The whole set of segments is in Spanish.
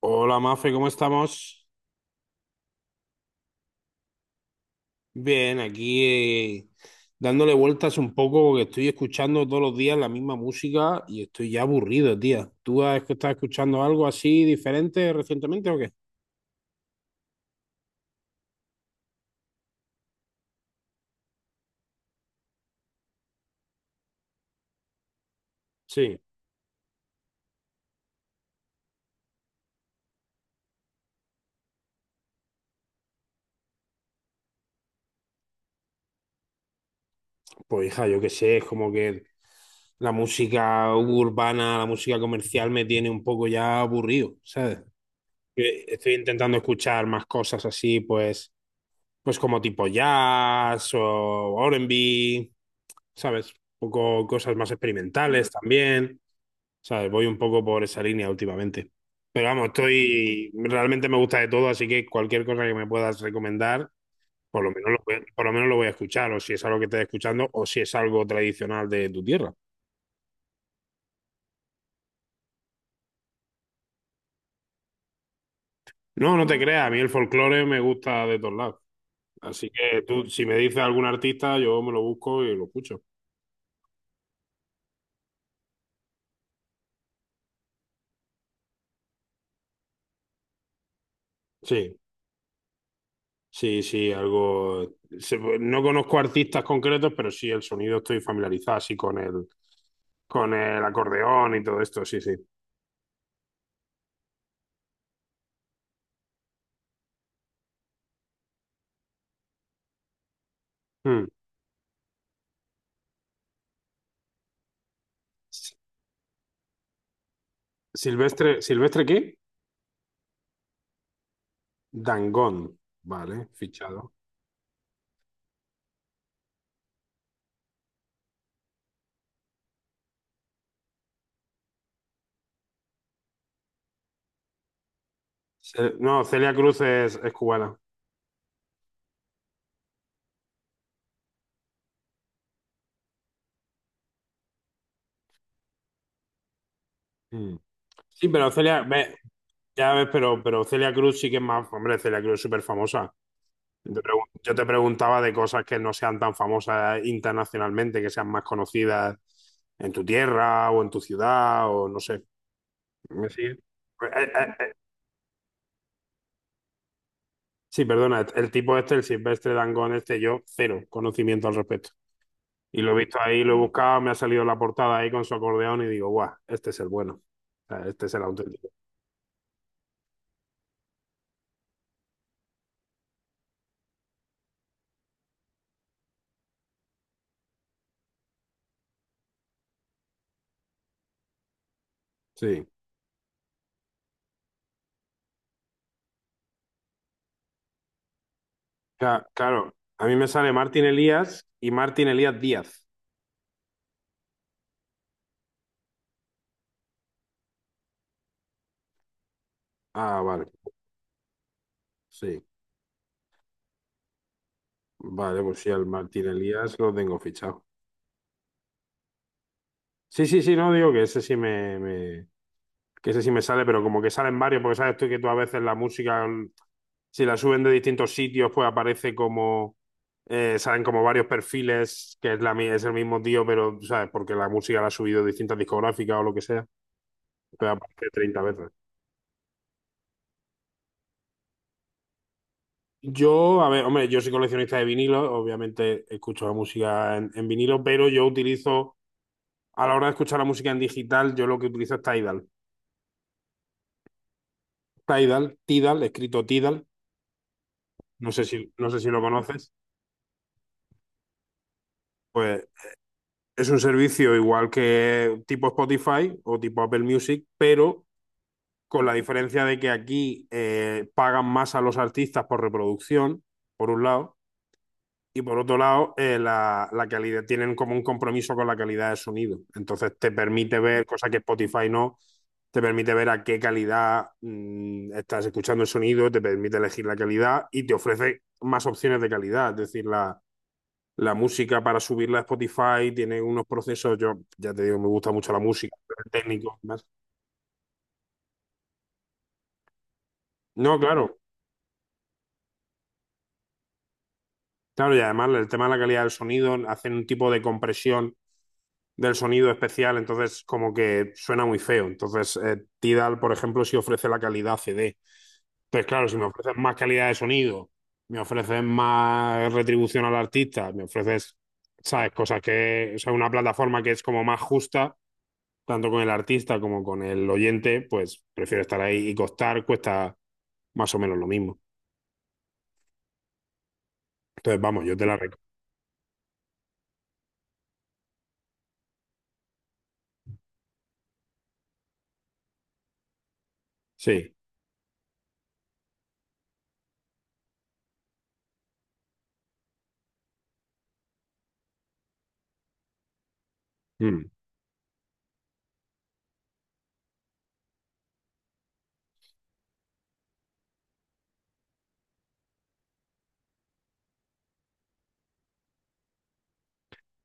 Hola Mafe, ¿cómo estamos? Bien, aquí dándole vueltas un poco porque estoy escuchando todos los días la misma música y estoy ya aburrido, tía. ¿Tú estás escuchando algo así diferente recientemente o qué? Sí, pues hija, yo qué sé, es como que la música urbana, la música comercial me tiene un poco ya aburrido, ¿sabes? Estoy intentando escuchar más cosas así, pues como tipo jazz o R&B, ¿sabes? Un poco cosas más experimentales también, ¿sabes? Voy un poco por esa línea últimamente. Pero vamos, estoy, realmente me gusta de todo, así que cualquier cosa que me puedas recomendar, por lo menos lo voy a escuchar, o si es algo que estés escuchando, o si es algo tradicional de tu tierra. No, no te creas, a mí el folclore me gusta de todos lados. Así que tú, si me dices algún artista, yo me lo busco y lo escucho. Sí, sí, sí, algo... No conozco artistas concretos, pero sí el sonido estoy familiarizado, así con el acordeón y todo esto, sí, sí. Mm. Silvestre, ¿Silvestre qué? Dangond, vale, fichado. No, Celia Cruz es cubana. Mm. Sí, pero Celia, ve, ya ves, pero Celia Cruz sí que es más, hombre, Celia Cruz es súper famosa. Yo te preguntaba de cosas que no sean tan famosas internacionalmente, que sean más conocidas en tu tierra o en tu ciudad o no sé. ¿Me sigue? Eh, eh, Sí, perdona, el tipo este, el Silvestre Dangond este, yo cero conocimiento al respecto. Y lo he visto ahí, lo he buscado, me ha salido la portada ahí con su acordeón y digo, guau, este es el bueno. O sea, este es el auténtico. Sí. Claro, a mí me sale Martín Elías y Martín Elías Díaz. Ah, vale, sí. Vale, pues sí, al Martín Elías lo tengo fichado. Sí, sí, sí, no, digo que ese sí me sale, pero como que salen varios, porque sabes tú que tú a veces la música, si la suben de distintos sitios, pues aparece como, salen como varios perfiles, que es, es el mismo tío, pero, ¿sabes? Porque la música la ha subido distintas discográficas o lo que sea, pero aparece 30 veces. Yo, a ver, hombre, yo soy coleccionista de vinilos, obviamente escucho la música en vinilo, pero yo utilizo, a la hora de escuchar la música en digital, yo lo que utilizo es Tidal. Tidal, Tidal, escrito Tidal, no sé si lo conoces, pues es un servicio igual que tipo Spotify o tipo Apple Music, pero con la diferencia de que aquí pagan más a los artistas por reproducción, por un lado. Y por otro lado, la calidad, tienen como un compromiso con la calidad de sonido. Entonces te permite ver, cosa que Spotify no, te permite ver a qué calidad estás escuchando el sonido, te permite elegir la calidad y te ofrece más opciones de calidad. Es decir, la música para subirla a Spotify tiene unos procesos, yo ya te digo, me gusta mucho la música, el técnico. Y no, claro, claro, y además el tema de la calidad del sonido, hacen un tipo de compresión del sonido especial, entonces como que suena muy feo. Entonces, Tidal, por ejemplo, sí ofrece la calidad CD. Entonces, claro, si me ofreces más calidad de sonido, me ofreces más retribución al artista, me ofreces, ¿sabes? Cosas que, o sea, una plataforma que es como más justa, tanto con el artista como con el oyente, pues prefiero estar ahí y cuesta más o menos lo mismo. Entonces, vamos, yo te la recomiendo. Sí. Mm.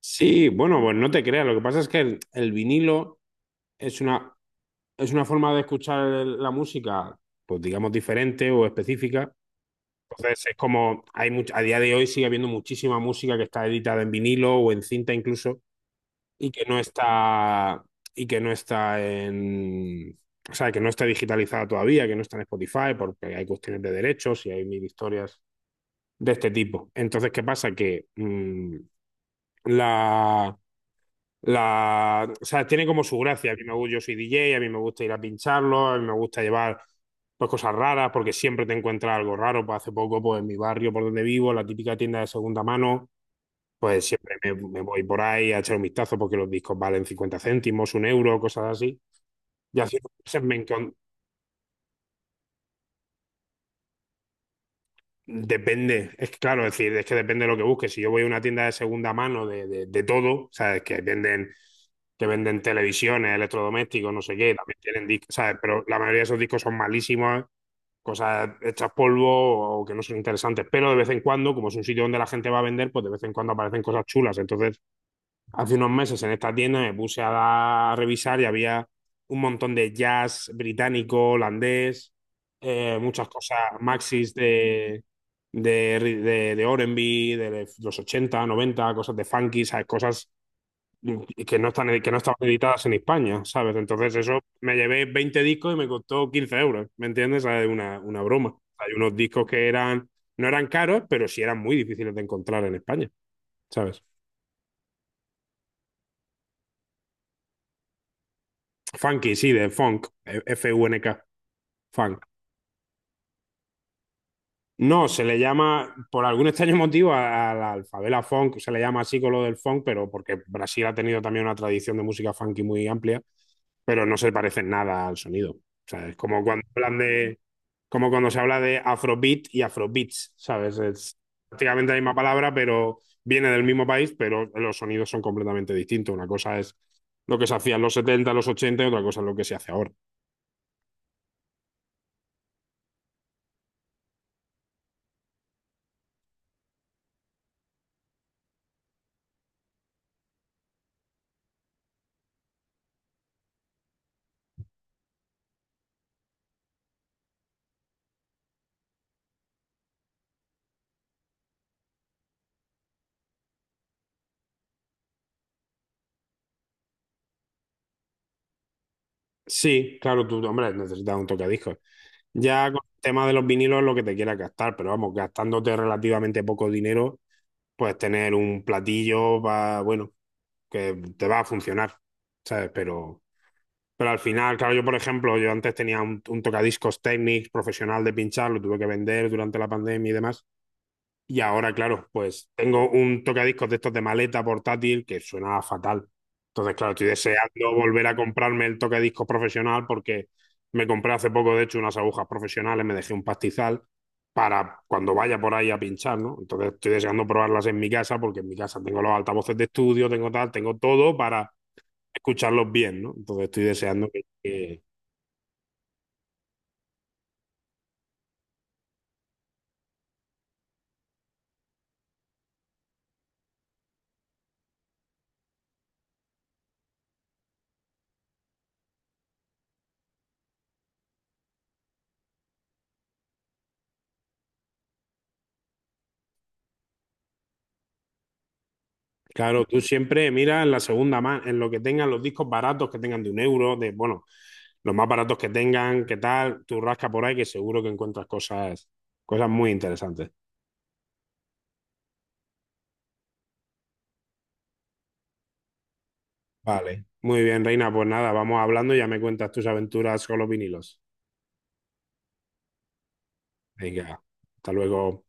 Sí, bueno, pues no te creas. Lo que pasa es que el vinilo es una es una forma de escuchar la música, pues digamos diferente o específica. Entonces es como, hay a día de hoy sigue habiendo muchísima música que está editada en vinilo o en cinta incluso y que no está, y que no está en, o sea, que no está digitalizada todavía, que no está en Spotify porque hay cuestiones de derechos y hay mil historias de este tipo. Entonces, ¿qué pasa? Que la la, o sea, tiene como su gracia. A mí me gusta, yo soy DJ, a mí me gusta ir a pincharlo, a mí me gusta llevar pues, cosas raras porque siempre te encuentras algo raro. Pues, hace poco, pues en mi barrio por donde vivo, la típica tienda de segunda mano, pues siempre me voy por ahí a echar un vistazo porque los discos valen 50 céntimos, un euro, cosas así. Y hace unos meses Depende, es que claro, es decir, es que depende de lo que busques. Si yo voy a una tienda de segunda mano de todo, ¿sabes? Que venden televisiones, electrodomésticos, no sé qué, también tienen discos, ¿sabes? Pero la mayoría de esos discos son malísimos, cosas hechas polvo o que no son interesantes. Pero de vez en cuando, como es un sitio donde la gente va a vender, pues de vez en cuando aparecen cosas chulas. Entonces, hace unos meses en esta tienda me puse a a revisar y había un montón de jazz británico, holandés, muchas cosas, maxis de, de R&B, de los 80, 90, cosas de funky, ¿sabes? Cosas que no están, que no estaban editadas en España, ¿sabes? Entonces eso me llevé 20 discos y me costó 15 euros, ¿me entiendes? ¿Sabes? Una broma. Hay unos discos que eran, no eran caros, pero sí eran muy difíciles de encontrar en España, ¿sabes? Funky, sí, de funk, funk, funk. No, se le llama, por algún extraño motivo, a la alfabela funk, se le llama así con lo del funk, pero porque Brasil ha tenido también una tradición de música funky muy amplia, pero no se parece en nada al sonido. O sea, es como cuando hablan de, como cuando se habla de afrobeat y afrobeats, ¿sabes? Es prácticamente la misma palabra, pero viene del mismo país, pero los sonidos son completamente distintos. Una cosa es lo que se hacía en los 70 los 80 y otra cosa es lo que se hace ahora. Sí, claro, tú, hombre, necesitas un tocadiscos. Ya con el tema de los vinilos lo que te quieras gastar, pero vamos, gastándote relativamente poco dinero, pues tener un platillo va, bueno, que te va a funcionar, ¿sabes? Pero al final, claro, yo por ejemplo, yo antes tenía un, tocadiscos Technics profesional de pinchar, lo tuve que vender durante la pandemia y demás, y ahora, claro, pues tengo un tocadiscos de estos de maleta portátil que suena fatal. Entonces, claro, estoy deseando volver a comprarme el tocadiscos profesional porque me compré hace poco, de hecho, unas agujas profesionales, me dejé un pastizal para cuando vaya por ahí a pinchar, ¿no? Entonces, estoy deseando probarlas en mi casa porque en mi casa tengo los altavoces de estudio, tengo tal, tengo todo para escucharlos bien, ¿no? Entonces, estoy deseando que. Claro, tú siempre mira en la segunda mano, en lo que tengan los discos baratos que tengan de un euro, de bueno, los más baratos que tengan, qué tal, tú rasca por ahí que seguro que encuentras cosas, cosas muy interesantes. Vale, muy bien, Reina, pues nada, vamos hablando y ya me cuentas tus aventuras con los vinilos. Venga, hasta luego.